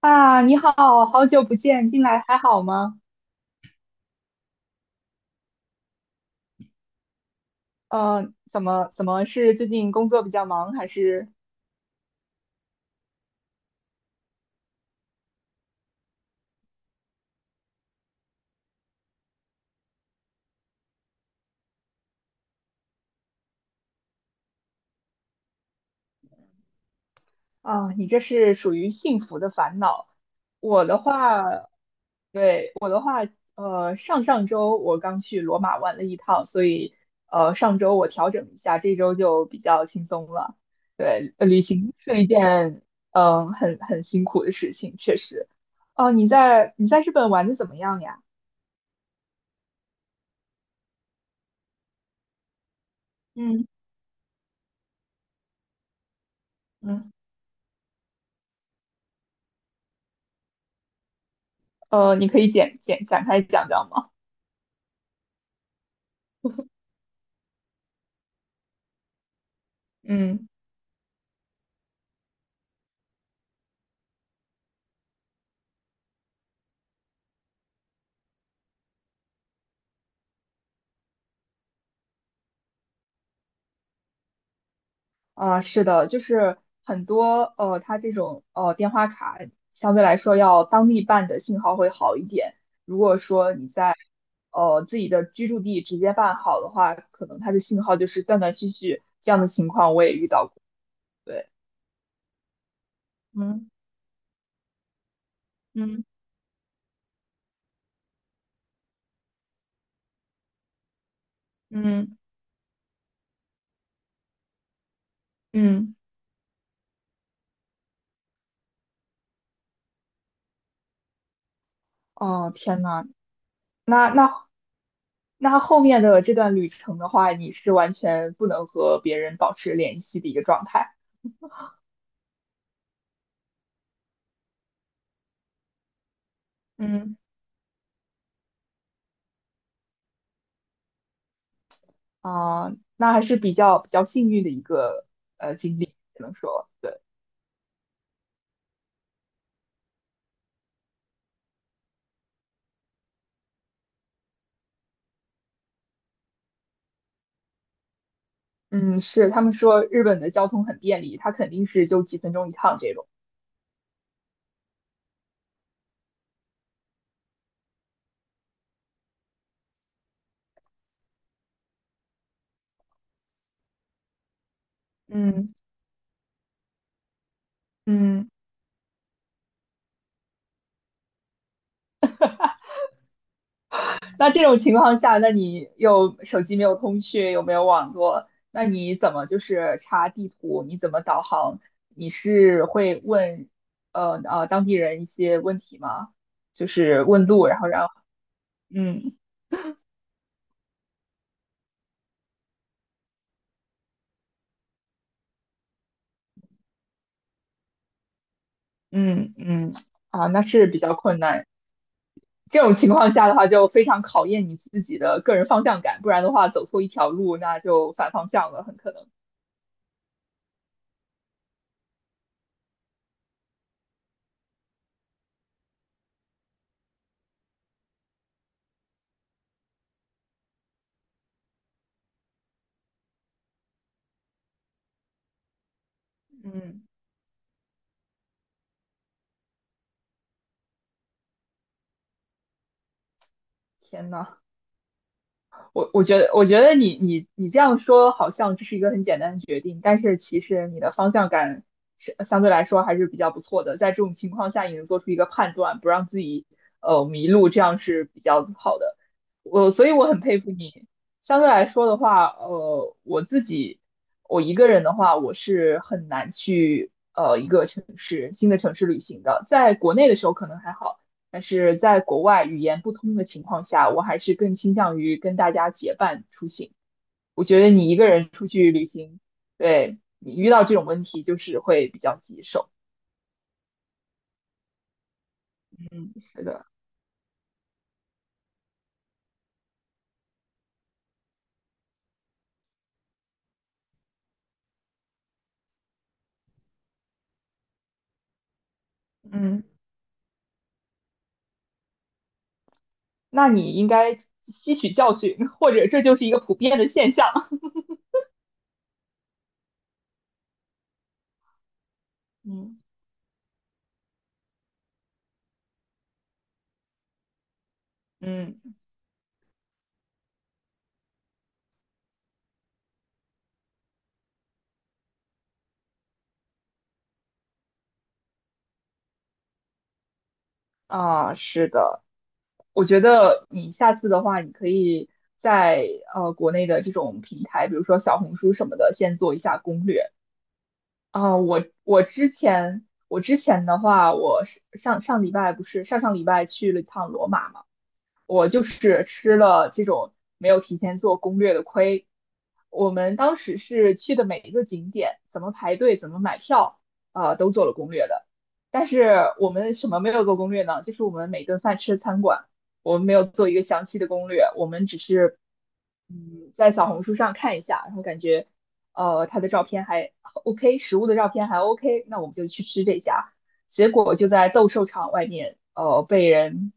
啊，你好，好久不见，近来还好吗？怎么是最近工作比较忙，还是啊，你这是属于幸福的烦恼。我的话，对，我的话，上上周我刚去罗马玩了一趟，所以上周我调整一下，这周就比较轻松了。对，旅行是一件很辛苦的事情，确实。哦、你在日本玩的怎么样呀？嗯嗯。呃，你可以简展开讲讲吗？嗯，啊、是的，就是很多它这种电话卡相对来说要当地办的信号会好一点。如果说你在自己的居住地直接办好的话，可能它的信号就是断断续续，这样的情况我也遇到过。对，嗯嗯嗯嗯，哦，天呐，那那后面的这段旅程的话，你是完全不能和别人保持联系的一个状态。嗯啊，那还是比较幸运的一个经历，只能说对，嗯，是他们说日本的交通很便利，它肯定是就几分钟一趟这种，嗯嗯，那这种情况下，那你又手机没有通讯，又没有网络，那你怎么就是查地图，你怎么导航？你是会问当地人一些问题吗？就是问路，然后让嗯嗯嗯啊，那是比较困难。这种情况下的话，就非常考验你自己的个人方向感，不然的话，走错一条路，那就反方向了，很可能。嗯，天哪！我觉得你这样说好像这是一个很简单的决定，但是其实你的方向感是相对来说还是比较不错的。在这种情况下，你能做出一个判断，不让自己迷路，这样是比较好的。所以我很佩服你。相对来说的话，呃，我自己我一个人的话，我是很难去一个城市新的城市旅行的。在国内的时候可能还好，但是在国外语言不通的情况下，我还是更倾向于跟大家结伴出行。我觉得你一个人出去旅行，对你遇到这种问题就是会比较棘手。嗯，是的，嗯那你应该吸取教训，或者这就是一个普遍的现象。嗯嗯啊，是的，我觉得你下次的话，你可以在国内的这种平台，比如说小红书什么的，先做一下攻略。啊，我之前的话，我是上上礼拜不是上上礼拜去了一趟罗马嘛，我就是吃了这种没有提前做攻略的亏。我们当时是去的每一个景点，怎么排队，怎么买票，呃，都做了攻略的。但是我们什么没有做攻略呢？就是我们每顿饭吃的餐馆，我们没有做一个详细的攻略，我们只是嗯，在小红书上看一下，然后感觉他的照片还 OK，食物的照片还 OK，那我们就去吃这家。结果就在斗兽场外面，呃，被人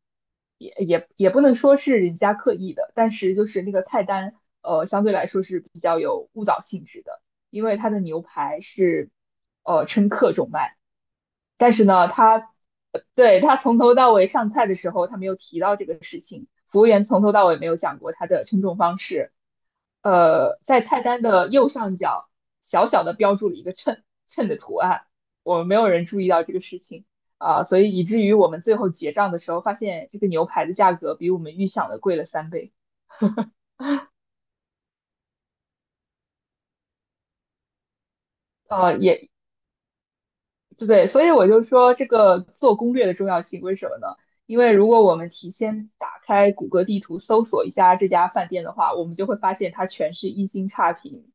也不能说是人家刻意的，但是就是那个菜单，呃，相对来说是比较有误导性质的，因为它的牛排是称克重卖，但是呢，它对，他从头到尾上菜的时候，他没有提到这个事情。服务员从头到尾没有讲过他的称重方式。呃，在菜单的右上角小小的标注了一个秤的图案，我们没有人注意到这个事情啊，所以以至于我们最后结账的时候，发现这个牛排的价格比我们预想的贵了三倍。呃，也对，所以我就说这个做攻略的重要性，为什么呢？因为如果我们提前打开谷歌地图搜索一下这家饭店的话，我们就会发现它全是一星差评。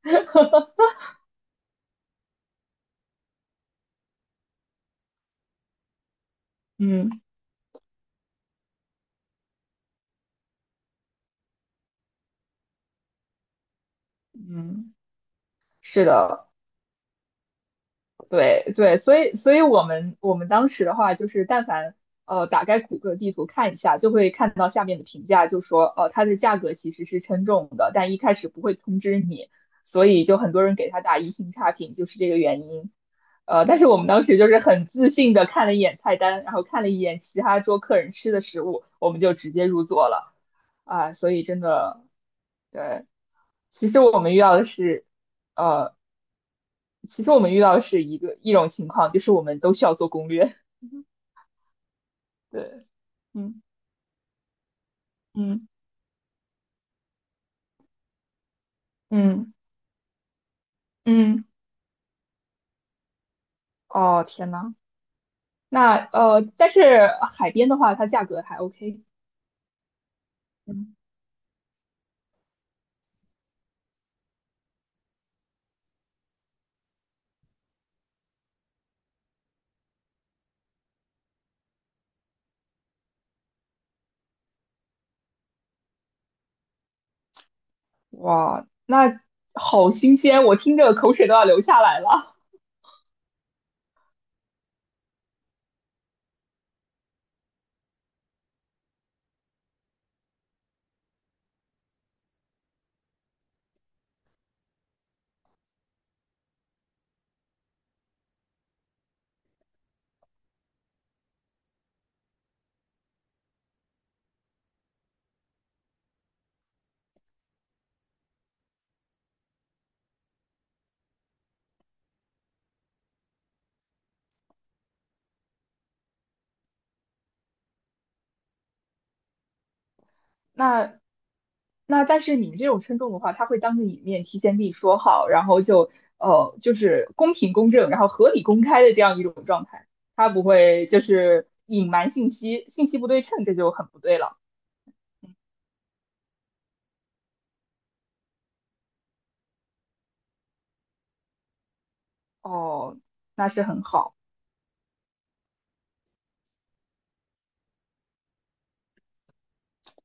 嗯嗯，是的。对对，所以我们当时的话，就是但凡打开谷歌地图看一下，就会看到下面的评价，就说它的价格其实是称重的，但一开始不会通知你，所以就很多人给它打一星差评，就是这个原因。呃，但是我们当时就是很自信的看了一眼菜单，然后看了一眼其他桌客人吃的食物，我们就直接入座了啊，所以真的对其实我们遇到的是，呃，其实我们遇到的是一种情况，就是我们都需要做攻略。对，嗯嗯嗯嗯，哦天呐，那但是海边的话，它价格还 OK。嗯，哇，那好新鲜，我听着口水都要流下来了。那那但是你们这种称重的话，他会当着你面提前跟你说好，然后就就是公平公正，然后合理公开的这样一种状态，他不会就是隐瞒信息，信息不对称，这就很不对了。哦，那是很好，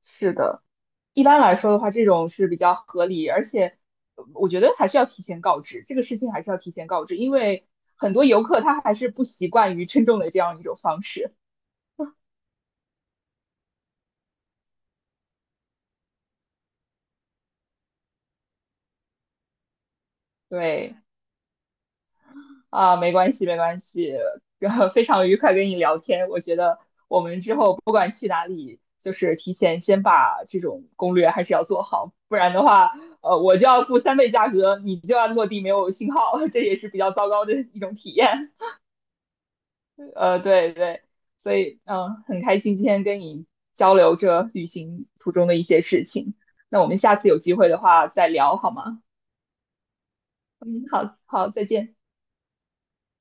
是的。一般来说的话，这种是比较合理，而且我觉得还是要提前告知，这个事情还是要提前告知，因为很多游客他还是不习惯于 称重的这样一种方式。对。啊，没关系，没关系，非常愉快跟你聊天。我觉得我们之后不管去哪里，就是提前先把这种攻略还是要做好，不然的话，呃，我就要付三倍价格，你就要落地没有信号，这也是比较糟糕的一种体验。对对，所以很开心今天跟你交流这旅行途中的一些事情。那我们下次有机会的话再聊好吗？嗯，好好，再见。